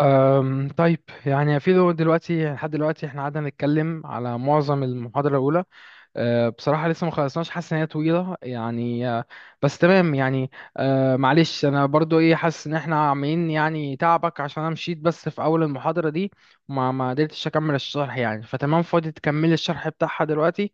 طيب يعني دلوقتي لحد دلوقتي احنا قعدنا نتكلم على معظم المحاضرة الأولى. بصراحة لسه ما خلصناش، حاسس إن هي طويلة يعني. بس تمام يعني. معلش أنا برضو إيه، حاسس إن احنا عاملين يعني تعبك، عشان أنا مشيت بس في أول المحاضرة دي وما ما قدرتش أكمل الشرح يعني. فتمام، فاضي تكملي الشرح بتاعها دلوقتي.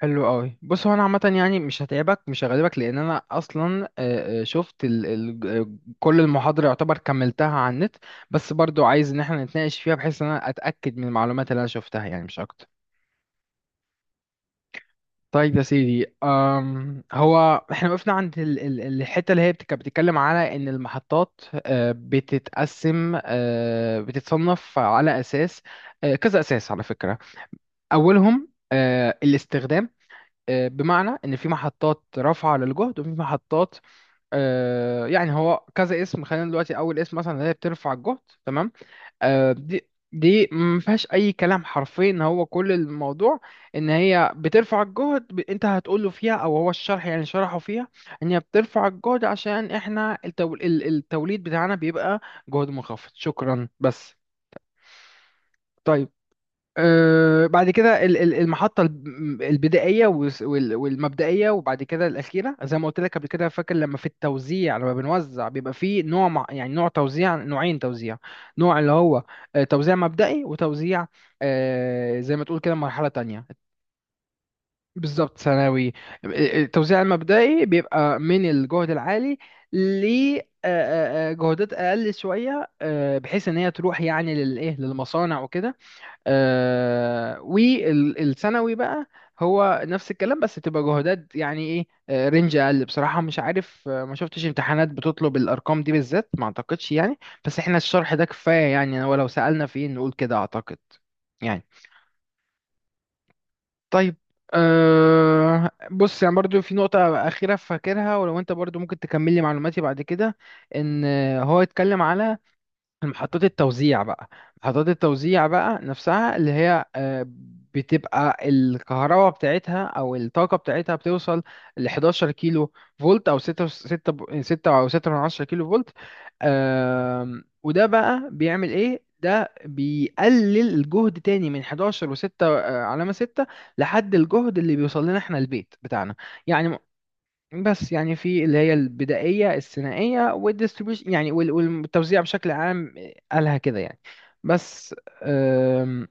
حلو قوي. بص، هو انا عامه يعني مش هتعبك مش هغلبك، لان انا اصلا شفت ال ال آه، كل المحاضره يعتبر كملتها على النت. بس برضو عايز ان احنا نتناقش فيها بحيث ان انا اتاكد من المعلومات اللي انا شفتها يعني، مش اكتر. طيب يا سيدي، هو احنا وقفنا عند ال الحته اللي هي كانت بتتكلم على ان المحطات بتتقسم، بتتصنف على اساس كذا اساس على فكره. اولهم الاستخدام، بمعنى ان في محطات رافعه للجهد وفي محطات. يعني هو كذا اسم. خلينا دلوقتي اول اسم مثلا اللي هي بترفع الجهد. تمام. دي ما فيهاش اي كلام، حرفيا ان هو كل الموضوع ان هي بترفع الجهد. انت هتقول له فيها، او هو الشرح يعني شرحه فيها ان هي بترفع الجهد عشان احنا التوليد بتاعنا بيبقى جهد منخفض. شكرا بس. طيب، بعد كده المحطة البدائية والمبدئية، وبعد كده الأخيرة. زي ما قلت لك قبل كده فاكر، لما في التوزيع لما بنوزع بيبقى فيه نوعين توزيع، نوع اللي هو توزيع مبدئي، وتوزيع زي ما تقول كده مرحلة تانية. بالظبط ثانوي. التوزيع المبدئي بيبقى من الجهد العالي ل جهودات أقل شوية، بحيث إن هي تروح يعني للإيه، للمصانع وكده. آه، والثانوي بقى هو نفس الكلام، بس بتبقى جهودات يعني ايه، رينج اقل. بصراحه مش عارف، ما شفتش امتحانات بتطلب الارقام دي بالذات، ما اعتقدش يعني. بس احنا الشرح ده كفايه يعني، ولو سالنا فين نقول كده اعتقد يعني. طيب، بص يعني برضو في نقطة أخيرة فاكرها، ولو أنت برضو ممكن تكملي معلوماتي بعد كده. إن هو يتكلم على محطات التوزيع بقى. محطات التوزيع بقى نفسها اللي هي بتبقى الكهرباء بتاعتها او الطاقة بتاعتها بتوصل ل 11 كيلو فولت، او 6، او 6 من 10 كيلو فولت. وده بقى بيعمل ايه؟ ده بيقلل الجهد تاني من 11 و6 علامة 6 لحد الجهد اللي بيوصل لنا احنا البيت بتاعنا يعني. بس يعني في اللي هي البدائية الثنائية، والديستريبيوشن يعني والتوزيع بشكل عام، قالها كده يعني. بس. أم،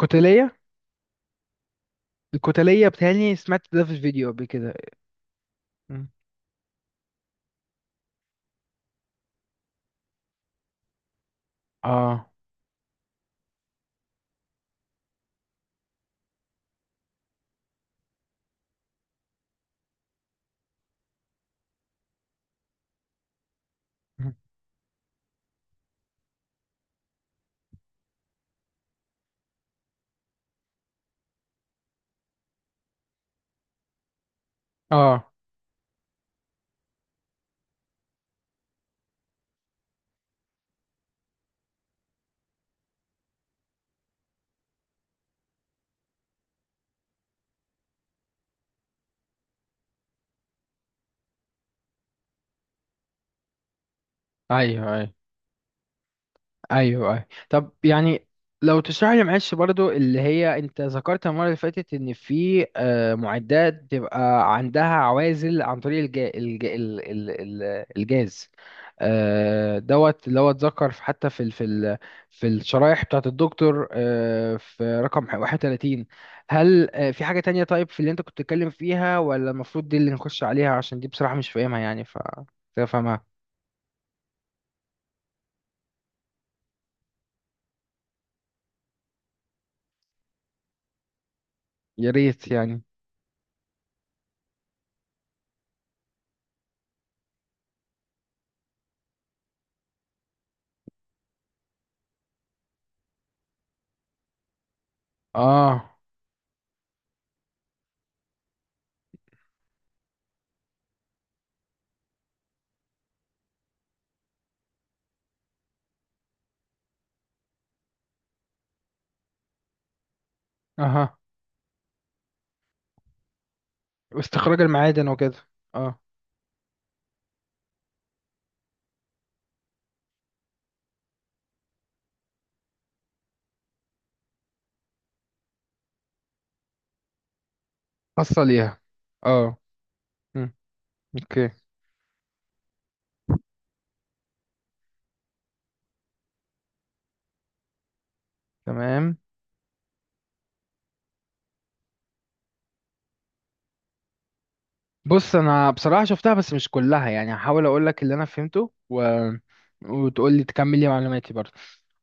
كتلية. الكتلية، بتهيألي سمعت ده في الفيديو قبل كده. اه. اه ايوه ايوه ايوه طب يعني، لو تشرح لي معلش برضو اللي هي انت ذكرت المره اللي فاتت ان في معدات بتبقى عندها عوازل عن طريق الجاز، دوت، اللي هو اتذكر حتى في في الشرايح بتاعت الدكتور في رقم 31. هل في حاجه تانية طيب في اللي انت كنت بتتكلم فيها؟ ولا المفروض دي اللي نخش عليها عشان دي بصراحه مش فاهمها يعني، ف تفهمها. يا ريت يعني. اه، واستخراج المعادن وكده. اه. خاصة ليها. اه. مم. اوكي. تمام. بص انا بصراحة شفتها بس مش كلها يعني، هحاول اقول لك اللي انا فهمته و... وتقول لي تكمل لي معلوماتي برضه.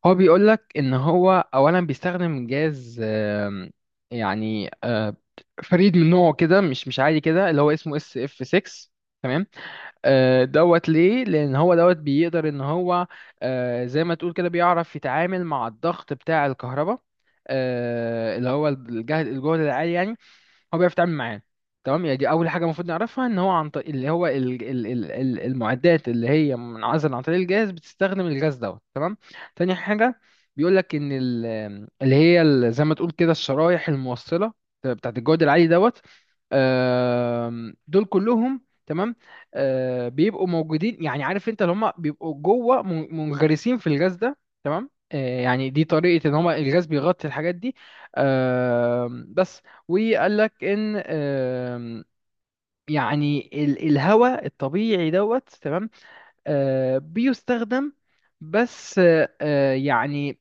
هو بيقول لك ان هو اولا بيستخدم جاز يعني فريد من نوعه كده، مش عادي كده، اللي هو اسمه اس اف 6. دوت. ليه؟ لان هو دوت بيقدر ان هو زي ما تقول كده بيعرف يتعامل مع الضغط بتاع الكهرباء، اللي هو الجهد العالي يعني. هو بيعرف يتعامل معاه. تمام يعني دي اول حاجه المفروض نعرفها، ان هو عن طريق اللي هو ال ال ال ال المعدات اللي هي منعزله عن طريق الجهاز، بتستخدم الغاز دوت. تمام. تاني حاجه، بيقول لك ان زي ما تقول كده الشرايح الموصله بتاعت الجهد العالي دوت. دول كلهم تمام بيبقوا موجودين يعني، عارف انت اللي هم بيبقوا جوه، منغرسين في الغاز ده. تمام. يعني دي طريقه ان هم الغاز بيغطي الحاجات دي. آم، بس وقال لك ان يعني الهواء الطبيعي دوت. تمام. بيستخدم بس، يعني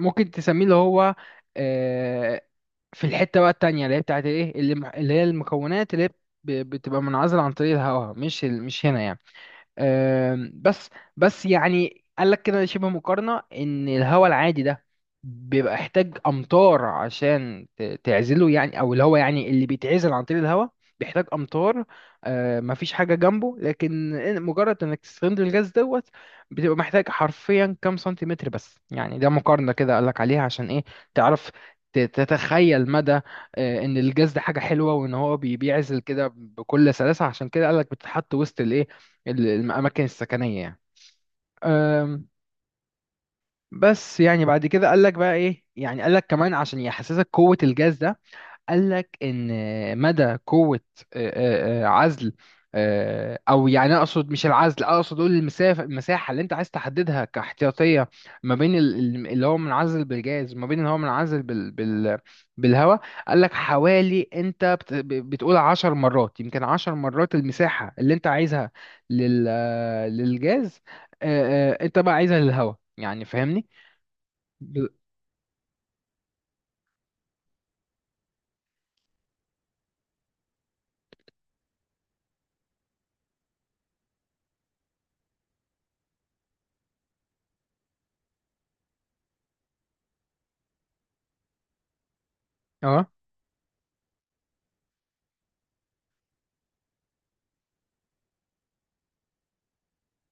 ممكن تسميه اللي هو آه، في الحتة بقى التانية اللي هي بتاعت ايه، اللي هي المكونات اللي هي بتبقى منعزلة عن طريق الهواء، مش هنا يعني. آم، بس بس يعني قال لك كده شبه مقارنة، ان الهواء العادي ده بيبقى يحتاج امطار عشان تعزله يعني، او اللي هو يعني اللي بيتعزل عن طريق الهواء بيحتاج امطار. مفيش حاجة جنبه، لكن مجرد انك تستخدم الغاز دوت، بتبقى محتاج حرفيا كام سنتيمتر بس يعني. ده مقارنة كده قال لك عليها عشان ايه؟ تعرف تتخيل مدى ان الجاز ده حاجة حلوة، وان هو بيعزل كده بكل سلاسة. عشان كده قال لك بتتحط وسط الايه، الأماكن السكنية يعني. أم، بس يعني بعد كده قال لك بقى إيه، يعني قال لك كمان عشان يحسسك قوة الجاز ده، قال لك ان مدى قوه عزل، او يعني اقصد مش العزل، اقصد اقول المسافه، المساحه اللي انت عايز تحددها كاحتياطيه ما بين اللي هو منعزل بالجاز، وما بين اللي هو منعزل بالهواء. قال لك حوالي انت بتقول عشر مرات، يمكن عشر مرات المساحه اللي انت عايزها لل آه، للجاز انت بقى عايزها للهواء. يعني فاهمني؟ ب- اه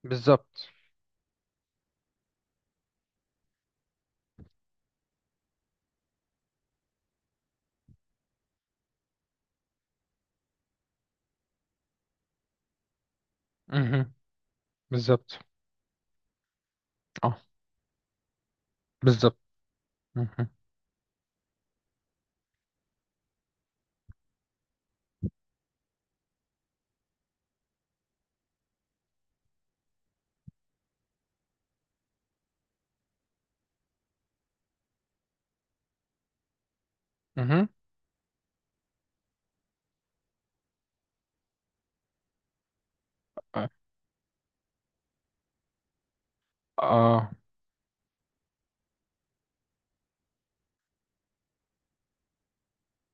بالظبط. مهم. بالظبط. اه بالظبط. مهم. مهم. اه. آه.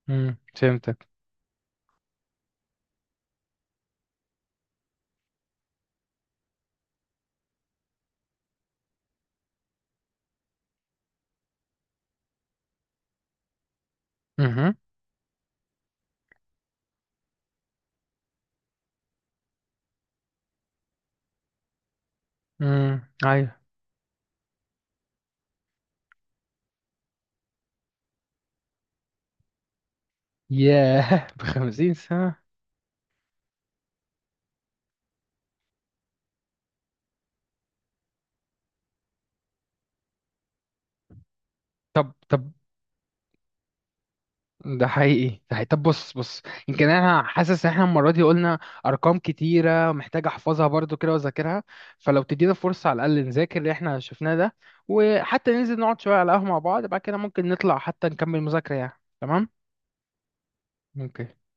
مم. فهمتك. مهم. مم. ايوه. ياه ب50 سنة. طب ده حقيقي. طب بص يمكن انا حاسس ان احنا المرة دي قلنا ارقام كتيرة محتاج احفظها برضو كده واذاكرها. فلو تدينا فرصة على الاقل نذاكر اللي احنا شفناه ده، وحتى ننزل نقعد شوية على القهوة مع بعض، بعد كده ممكن نطلع حتى نكمل مذاكرة يعني. تمام؟ اوكي.